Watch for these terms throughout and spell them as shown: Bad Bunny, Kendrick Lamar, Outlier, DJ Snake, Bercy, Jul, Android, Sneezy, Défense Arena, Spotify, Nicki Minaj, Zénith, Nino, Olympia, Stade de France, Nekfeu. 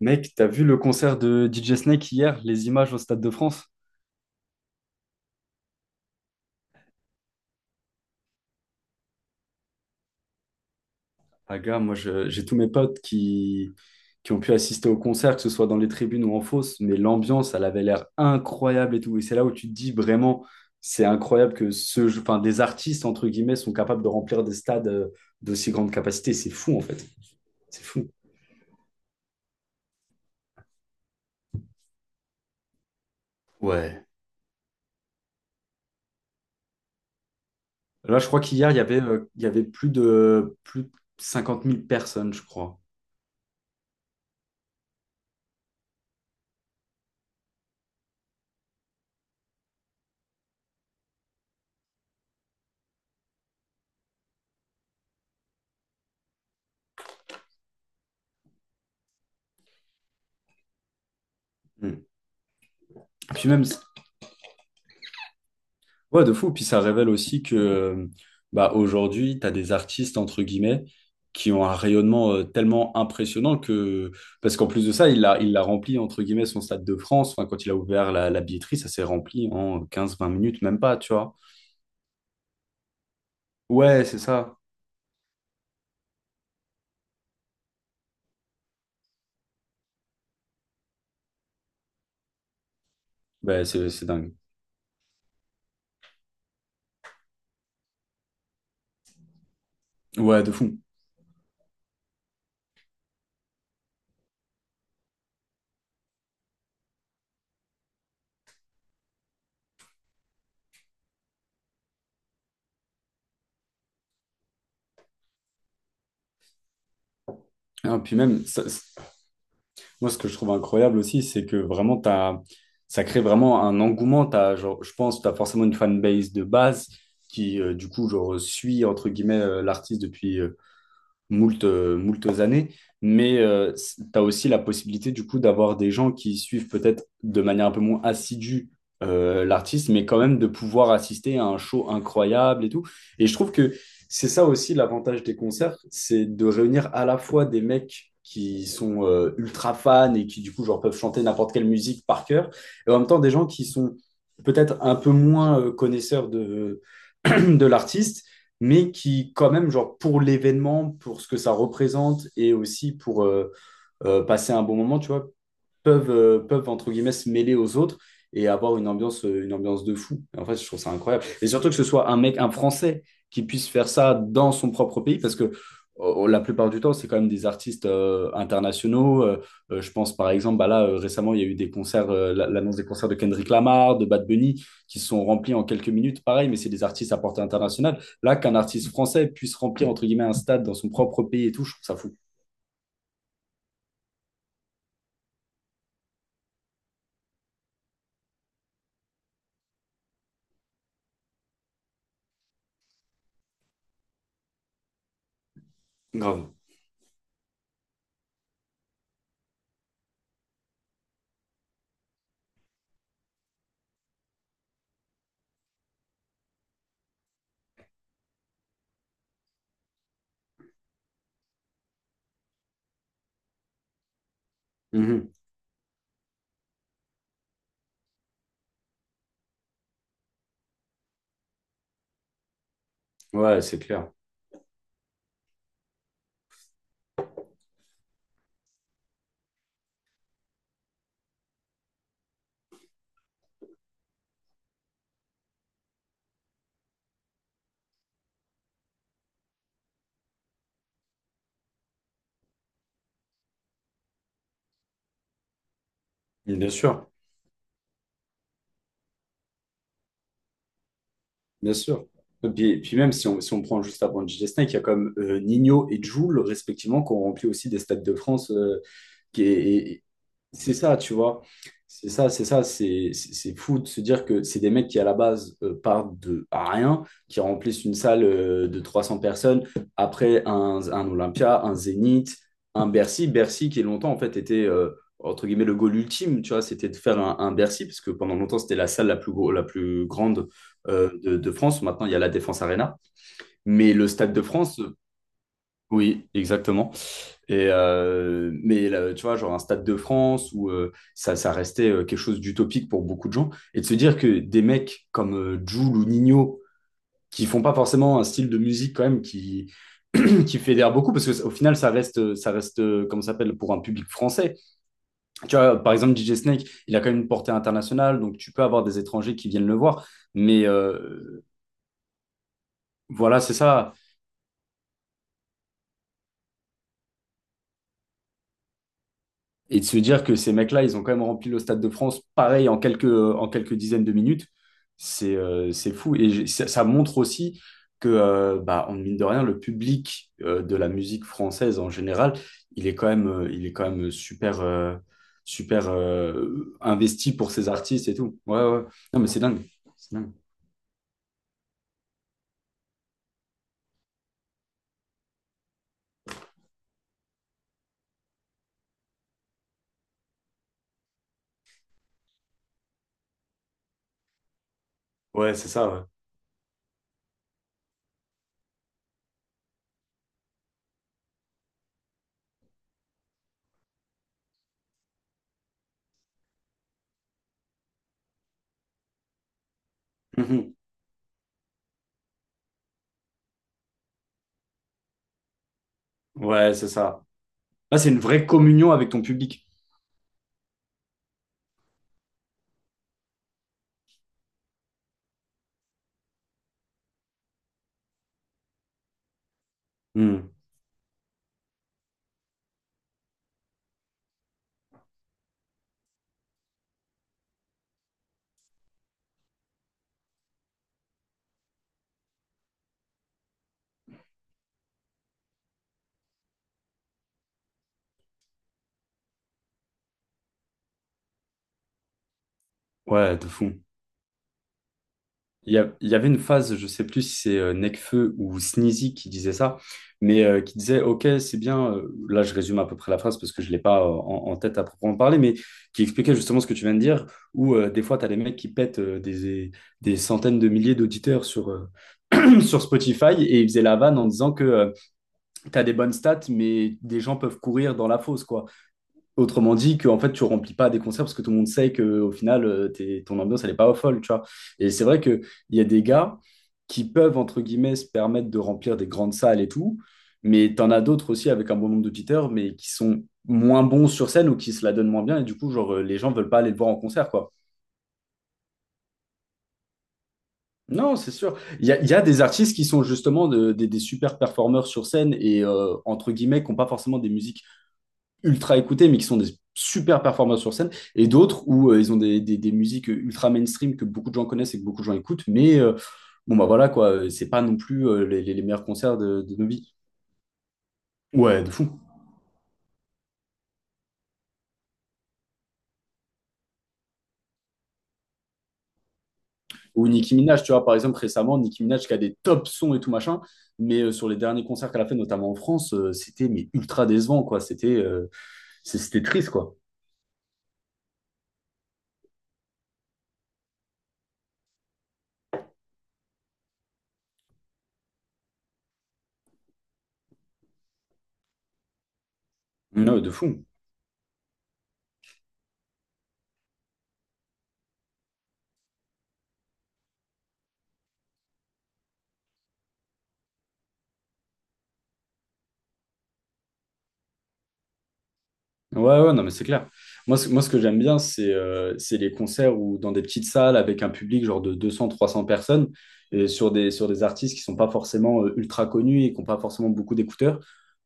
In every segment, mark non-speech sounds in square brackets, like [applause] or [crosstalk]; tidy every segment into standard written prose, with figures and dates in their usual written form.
Mec, t'as vu le concert de DJ Snake hier, les images au Stade de France? Ah gars, j'ai tous mes potes qui ont pu assister au concert, que ce soit dans les tribunes ou en fosse, mais l'ambiance, elle avait l'air incroyable et tout. Et c'est là où tu te dis vraiment, c'est incroyable que enfin, des artistes, entre guillemets, sont capables de remplir des stades d'aussi grande capacité. C'est fou en fait. C'est fou. Ouais. Là, je crois qu'hier, il y avait plus de 50 000 personnes, je crois. Mm. Puis même, Ouais, de fou. Puis ça révèle aussi que bah, aujourd'hui, tu as des artistes, entre guillemets, qui ont un rayonnement tellement impressionnant que. Parce qu'en plus de ça, il a rempli, entre guillemets, son Stade de France. Enfin, quand il a ouvert la billetterie, ça s'est rempli en quinze vingt minutes, même pas, tu vois. Ouais, c'est ça. Ouais, c'est dingue. Ouais, de fou. Ah, puis même, ça- Moi, ce que je trouve incroyable aussi, c'est que vraiment, ça crée vraiment un engouement. T'as, genre, je pense que tu as forcément une fanbase de base qui, du coup, genre, suit, entre guillemets, l'artiste depuis moult, moultes années, mais tu as aussi la possibilité du coup d'avoir des gens qui suivent peut-être de manière un peu moins assidue l'artiste, mais quand même de pouvoir assister à un show incroyable et tout. Et je trouve que c'est ça aussi l'avantage des concerts, c'est de réunir à la fois des mecs qui sont ultra fans et qui du coup genre peuvent chanter n'importe quelle musique par cœur, et en même temps des gens qui sont peut-être un peu moins connaisseurs de, [clears throat] de l'artiste, mais qui quand même, genre pour l'événement, pour ce que ça représente et aussi pour passer un bon moment, tu vois, peuvent entre guillemets se mêler aux autres et avoir une ambiance de fou. Et en fait, je trouve ça incroyable. Et surtout que ce soit un mec, un Français, qui puisse faire ça dans son propre pays, parce que la plupart du temps, c'est quand même des artistes internationaux. Je pense par exemple, bah là, récemment, il y a eu des concerts, l'annonce des concerts de Kendrick Lamar, de Bad Bunny, qui se sont remplis en quelques minutes. Pareil, mais c'est des artistes à portée internationale. Là, qu'un artiste français puisse remplir, entre guillemets, un stade dans son propre pays et tout, je trouve ça fou. Grave. Mhm. Ouais, c'est clair. Bien sûr. Bien sûr. Et puis, puis même si on, si on prend juste avant DJ Snake, il y a comme Nino et Jul, respectivement, qui ont rempli aussi des stades de France qui est- c'est ça, tu vois. C'est ça, c'est ça, c'est- C'est fou de se dire que c'est des mecs qui, à la base, partent de à rien, qui remplissent une salle de 300 personnes, après un Olympia, un Zénith, un Bercy. Bercy qui, longtemps, en fait, était, entre guillemets, le goal ultime, tu vois, c'était de faire un Bercy, parce que pendant longtemps, c'était la salle la la plus grande de France. Maintenant, il y a la Défense Arena. Mais le Stade de France, oui, exactement. Et mais là, tu vois, genre un Stade de France où ça restait quelque chose d'utopique pour beaucoup de gens. Et de se dire que des mecs comme Jul ou Nino, qui font pas forcément un style de musique quand même qui, [clears throat] qui fédère beaucoup, parce qu'au final, ça reste comment ça s'appelle, pour un public français. Tu vois, par exemple, DJ Snake, il a quand même une portée internationale, donc tu peux avoir des étrangers qui viennent le voir. Mais voilà, c'est ça. Et de se dire que ces mecs-là, ils ont quand même rempli le Stade de France, pareil, en quelques dizaines de minutes, c'est fou. Ça, ça montre aussi que, bah, en mine de rien, le public de la musique française en général, il est quand même super, investi pour ses artistes et tout. Ouais, ouais. Non, mais c'est dingue. C'est dingue. Ouais, c'est ça, ouais. Mhm. Ouais, c'est ça. Là, c'est une vraie communion avec ton public. Mhm. Ouais, de fou. Il y avait une phase, je sais plus si c'est Nekfeu ou Sneezy qui disait ça, mais qui disait, OK, c'est bien, là je résume à peu près la phrase parce que je ne l'ai pas en tête à proprement parler, mais qui expliquait justement ce que tu viens de dire, où des fois tu as des mecs qui pètent des centaines de milliers d'auditeurs [clears throat] sur Spotify et ils faisaient la vanne en disant que tu as des bonnes stats, mais des gens peuvent courir dans la fosse, quoi. Autrement dit, que en fait, tu remplis pas des concerts parce que tout le monde sait que au final, ton ambiance, elle est pas folle, tu vois. Et c'est vrai qu'il y a des gars qui peuvent, entre guillemets, se permettre de remplir des grandes salles et tout, mais t'en as d'autres aussi avec un bon nombre d'auditeurs, mais qui sont moins bons sur scène ou qui se la donnent moins bien, et du coup, genre, les gens veulent pas aller le voir en concert, quoi. Non, c'est sûr. Il y a des artistes qui sont justement des super performeurs sur scène et, entre guillemets, qui n'ont pas forcément des musiques ultra écoutés, mais qui sont des super performances sur scène, et d'autres où ils ont des musiques ultra mainstream que beaucoup de gens connaissent et que beaucoup de gens écoutent, mais bon, bah voilà, quoi, c'est pas non plus les meilleurs concerts de nos vies. Ouais, de fou. Ou Nicki Minaj, tu vois, par exemple, récemment, Nicki Minaj qui a des top sons et tout machin, mais sur les derniers concerts qu'elle a fait, notamment en France, c'était mais ultra décevant, quoi. C'était triste, quoi. Non, de fou. Ouais, ouais, non, mais c'est clair. Moi, ce que j'aime bien, c'est les concerts où, dans des petites salles avec un public genre de 200, 300 personnes et sur sur des artistes qui sont pas forcément ultra connus et qui n'ont pas forcément beaucoup d'écouteurs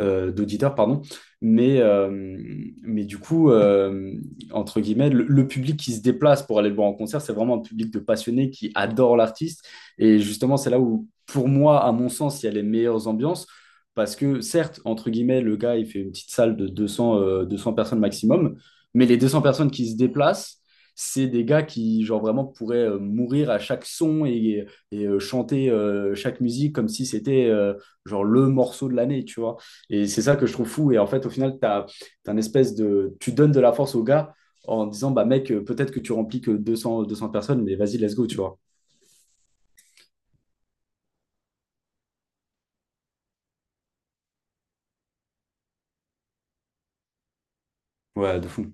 d'auditeurs, pardon. Mais, euh, mais du coup, entre guillemets, le public qui se déplace pour aller le voir en concert, c'est vraiment un public de passionnés qui adore l'artiste. Et justement, c'est là où, pour moi, à mon sens, il y a les meilleures ambiances. Parce que certes, entre guillemets, le gars, il fait une petite salle de 200 personnes maximum, mais les 200 personnes qui se déplacent, c'est des gars qui, genre, vraiment pourraient mourir à chaque son et, chanter chaque musique comme si c'était, genre, le morceau de l'année, tu vois. Et c'est ça que je trouve fou. Et en fait, au final, t'as une espèce de, tu donnes de la force aux gars en disant, bah mec, peut-être que tu remplis que 200, 200 personnes, mais vas-y, let's go, tu vois. Ouais, de fou.